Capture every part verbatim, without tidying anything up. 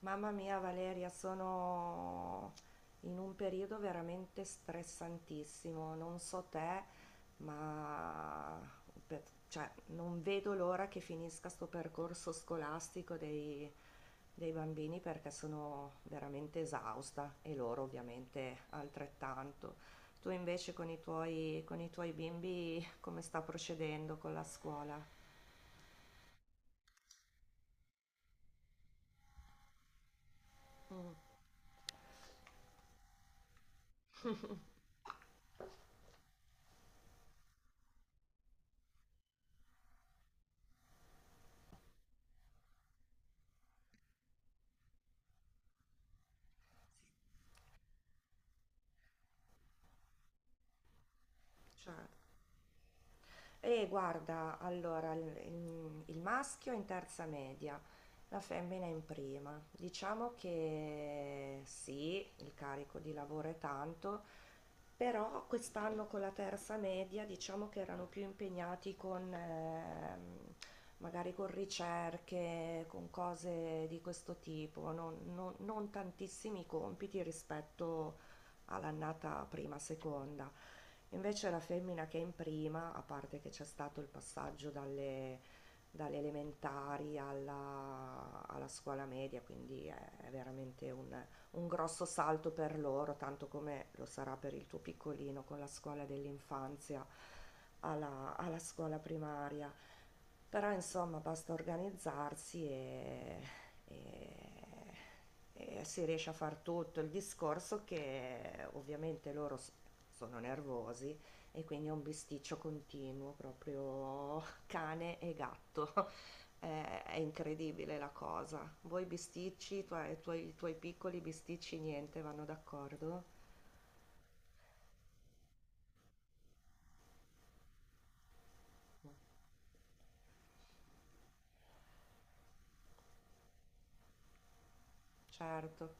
Mamma mia Valeria, sono in un periodo veramente stressantissimo, non so te, ma per- cioè, non vedo l'ora che finisca sto percorso scolastico dei, dei bambini perché sono veramente esausta e loro ovviamente altrettanto. Tu invece con i tuoi, con i tuoi bimbi come sta procedendo con la scuola? Mm, certo. E guarda, allora, il, in- il maschio è in terza media, la femmina è in prima. Diciamo che sì, il carico di lavoro è tanto, però quest'anno con la terza media diciamo che erano più impegnati con, ehm, magari con ricerche, con cose di questo tipo, non, non- non tantissimi compiti rispetto all'annata prima, seconda. Invece la femmina che è in prima, a parte che c'è stato il passaggio dalle, dalle elementari alla, alla scuola media, quindi è, è veramente un, un grosso salto per loro, tanto come lo sarà per il tuo piccolino con la scuola dell'infanzia alla, alla scuola primaria. Però insomma basta organizzarsi e, e- e si riesce a far tutto. Il discorso che ovviamente loro s- sono nervosi e quindi è un bisticcio continuo, proprio cane e gatto. È, è incredibile la cosa. Voi bisticci, tu- i tuoi, i tuoi piccoli bisticci, niente, vanno d'accordo? Certo,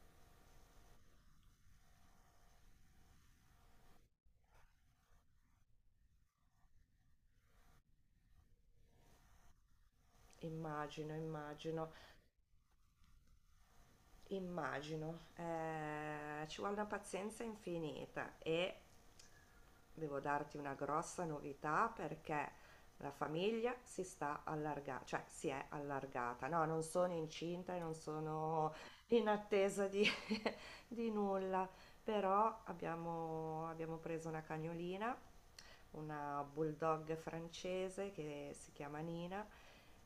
immagino, immagino, immagino. Eh, ci vuole una pazienza infinita e devo darti una grossa novità perché la famiglia si sta allargando, cioè si è allargata. No, non sono incinta e non sono in attesa di, di nulla. Però abbiamo, abbiamo preso una cagnolina, una bulldog francese che si chiama Nina,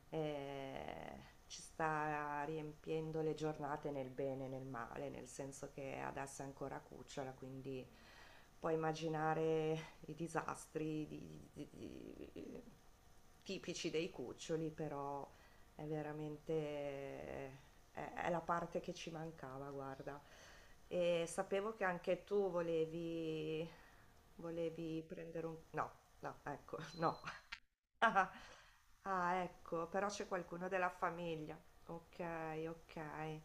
e ci sta riempiendo le giornate nel bene e nel male, nel senso che adesso è ancora cucciola, quindi puoi immaginare i disastri di- di- di- di, tipici dei cuccioli, però è veramente è è la parte che ci mancava, guarda. E sapevo che anche tu volevi volevi prendere un no, no, ecco, no. Ah, ecco, però c'è qualcuno della famiglia. Okay, okay.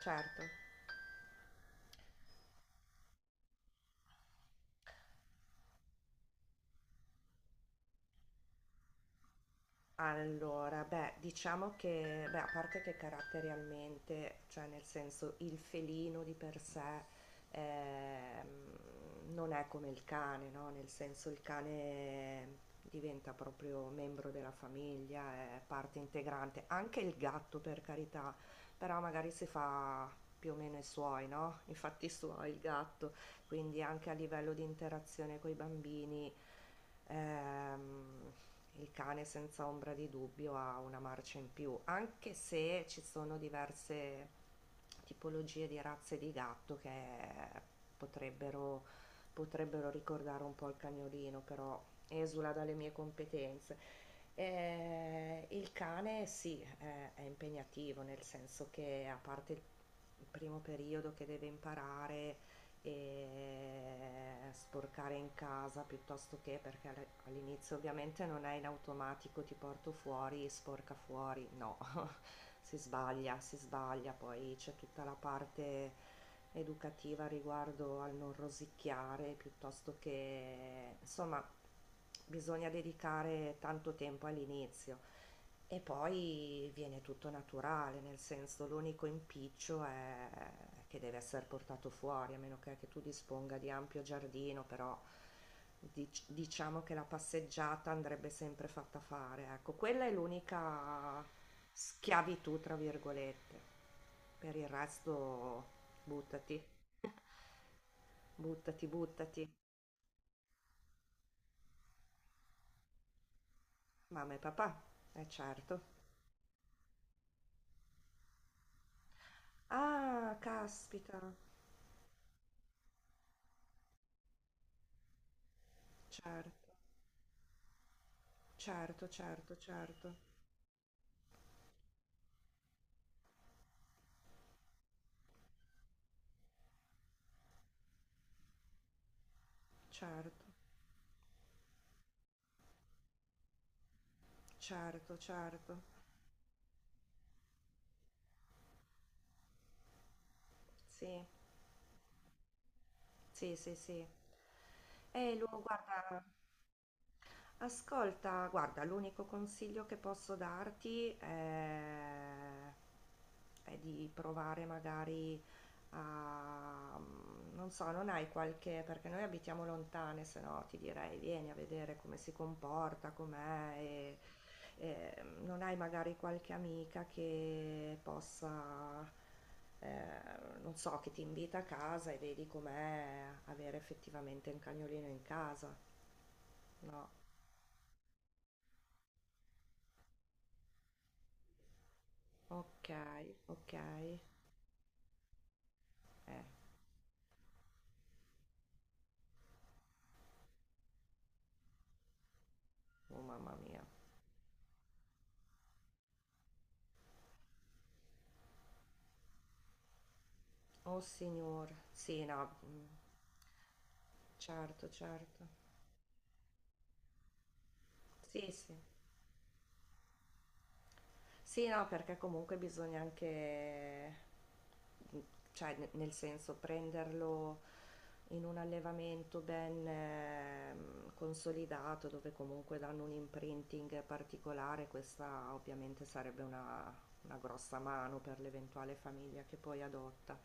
Certo. Allora, beh, diciamo che, beh, a parte che caratterialmente, cioè nel senso il felino di per sé ehm, non è come il cane, no? Nel senso il cane diventa proprio membro della famiglia, è parte integrante, anche il gatto per carità, però magari si fa più o meno i suoi, no? I fatti suoi il gatto, quindi anche a livello di interazione coi bambini, ehm, il cane senza ombra di dubbio ha una marcia in più, anche se ci sono diverse tipologie di razze di gatto che potrebbero, potrebbero ricordare un po' il cagnolino, però esula dalle mie competenze. Eh, il cane sì, eh, è impegnativo, nel senso che a parte il primo periodo che deve imparare e sporcare in casa piuttosto che perché al- all'inizio ovviamente non è in automatico ti porto fuori, e sporca fuori, no, si sbaglia, si sbaglia, poi c'è tutta la parte educativa riguardo al non rosicchiare, piuttosto che, insomma, bisogna dedicare tanto tempo all'inizio. E poi viene tutto naturale, nel senso l'unico impiccio è che deve essere portato fuori, a meno che, che tu disponga di ampio giardino, però dic- diciamo che la passeggiata andrebbe sempre fatta fare. Ecco, quella è l'unica schiavitù, tra virgolette. Per il resto, buttati, buttati, buttati. Mamma e papà, è certo. Ah, caspita, certo, certo, certo, certo. Certo, certo, certo. Sì, sì, sì, sì. Eh, lo guarda. Ascolta, guarda, l'unico consiglio che posso darti è, è di provare magari a, mm, non so, non hai qualche, perché noi abitiamo lontane, se no ti direi vieni a vedere come si comporta, com'è, e, e, mm, non hai magari qualche amica che possa, eh, non so, che ti invita a casa e vedi com'è avere effettivamente un cagnolino in casa, no? Ok, ok. Eh, oh mamma mia. Oh signor. Sì, no. Mm, certo, certo. Sì, sì. Sì, no, perché comunque bisogna anche, mhmm, cioè ne nel senso prenderlo in un allevamento ben, mhmm, consolidato, dove comunque danno un imprinting particolare, questa ovviamente sarebbe una una grossa mano per l'eventuale famiglia che poi adotta.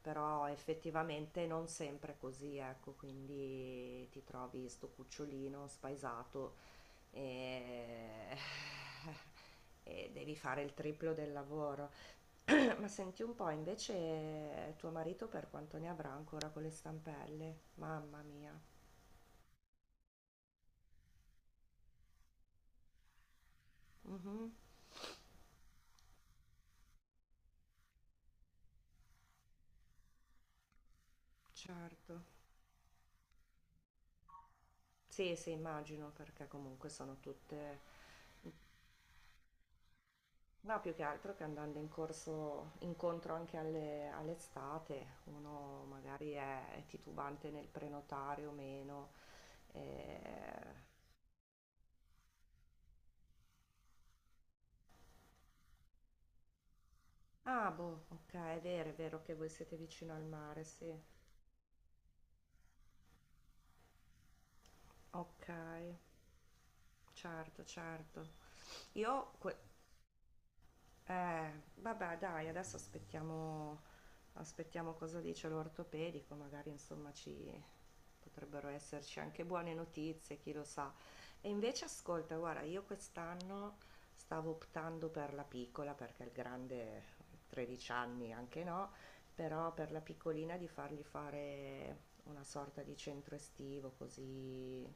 Però effettivamente non sempre è così, ecco, quindi ti trovi 'sto cucciolino spaesato e, eh, e devi fare il triplo del lavoro. Ma senti un po', invece tuo marito per quanto ne avrà ancora con le stampelle? Mamma mia. Mhm, certo. Sì, sì, immagino, perché comunque sono tutte... No, più che altro che andando in corso, incontro anche alle- all'estate, uno magari è titubante nel prenotare o meno. Eh, ah, boh, ok, è vero, è vero che voi siete vicino al mare, sì. Ok, certo, certo. Io que- Eh, vabbè, dai, adesso aspettiamo, aspettiamo cosa dice l'ortopedico, magari insomma ci potrebbero esserci anche buone notizie, chi lo sa. E invece ascolta, guarda, io quest'anno stavo optando per la piccola perché il grande tredici anni anche no, però per la piccolina di fargli fare una sorta di centro estivo così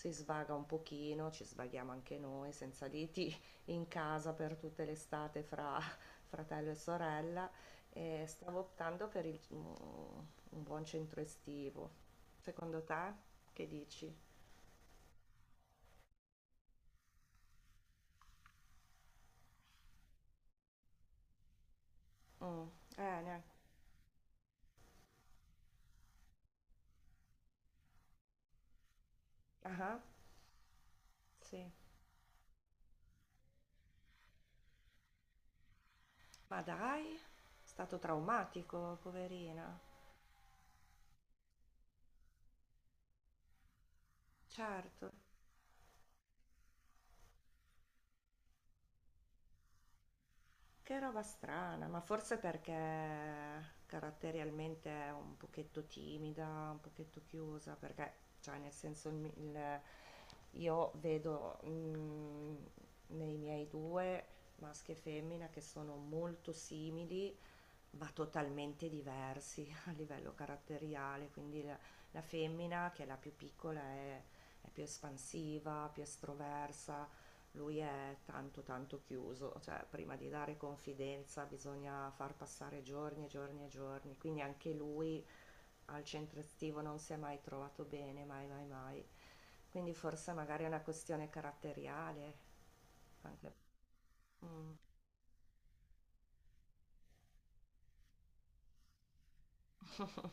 si svaga un pochino, ci svaghiamo anche noi senza liti in casa per tutte l'estate fra fratello e sorella e stavo optando per il- un un buon centro estivo. Secondo te? Che dici? Mm, eh, ne- ah, sì. Ma dai, è stato traumatico, poverina. Certo. Che roba strana, ma forse perché caratterialmente è un pochetto timida, un pochetto chiusa, perché, cioè, nel senso, il mi- il- io vedo mm, nei miei due, maschi e femmina, che sono molto simili, ma totalmente diversi a livello caratteriale, quindi la, la femmina, che è la più piccola, è, è più espansiva, più estroversa, lui è tanto, tanto chiuso, cioè prima di dare confidenza bisogna far passare giorni e giorni e giorni, quindi anche lui al centro estivo non si è mai trovato bene, mai, mai, mai. Quindi forse magari è una questione caratteriale, anche- mm.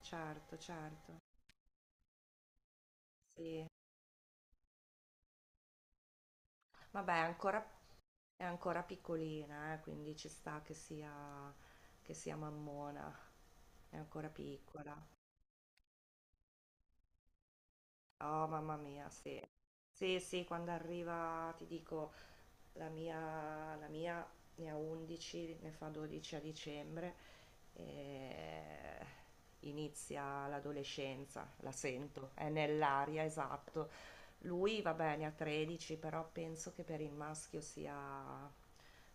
Certo, certo, sì. Vabbè, è ancora, è ancora piccolina, eh, quindi ci sta che sia, che sia mammona, è ancora piccola. Oh, mamma mia, sì. Sì, sì, quando arriva, ti dico, la mia, la mia ne ha undici, ne fa dodici a dicembre, e inizia l'adolescenza, la sento, è nell'aria, esatto. Lui, va bene, ha tredici, però penso che per il maschio sia...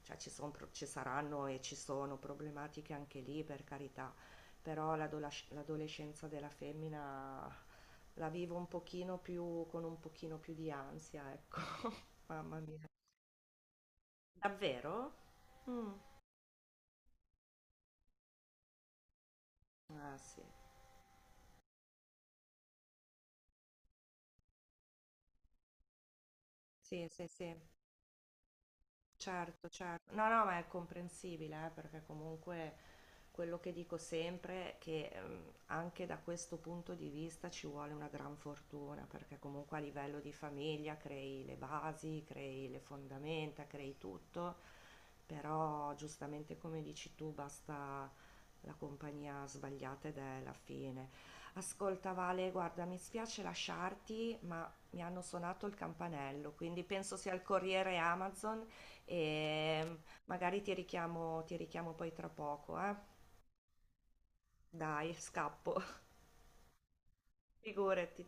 Cioè, ci son pro- ci saranno e ci sono problematiche anche lì, per carità, però l'adolas- l'adolescenza della femmina la vivo un pochino più, con un pochino più di ansia, ecco. Mamma mia. Davvero? Mm. Ah, sì. Sì, sì, sì. Certo, certo. No, no, ma è comprensibile, eh, perché comunque quello che dico sempre è che ehm, anche da questo punto di vista ci vuole una gran fortuna, perché comunque a livello di famiglia crei le basi, crei le fondamenta, crei tutto, però giustamente come dici tu, basta la compagnia sbagliata ed è la fine. Ascolta Vale, guarda, mi spiace lasciarti, ma mi hanno suonato il campanello, quindi penso sia il corriere Amazon e magari ti richiamo, ti richiamo poi tra poco, eh? Dai, scappo, figurati.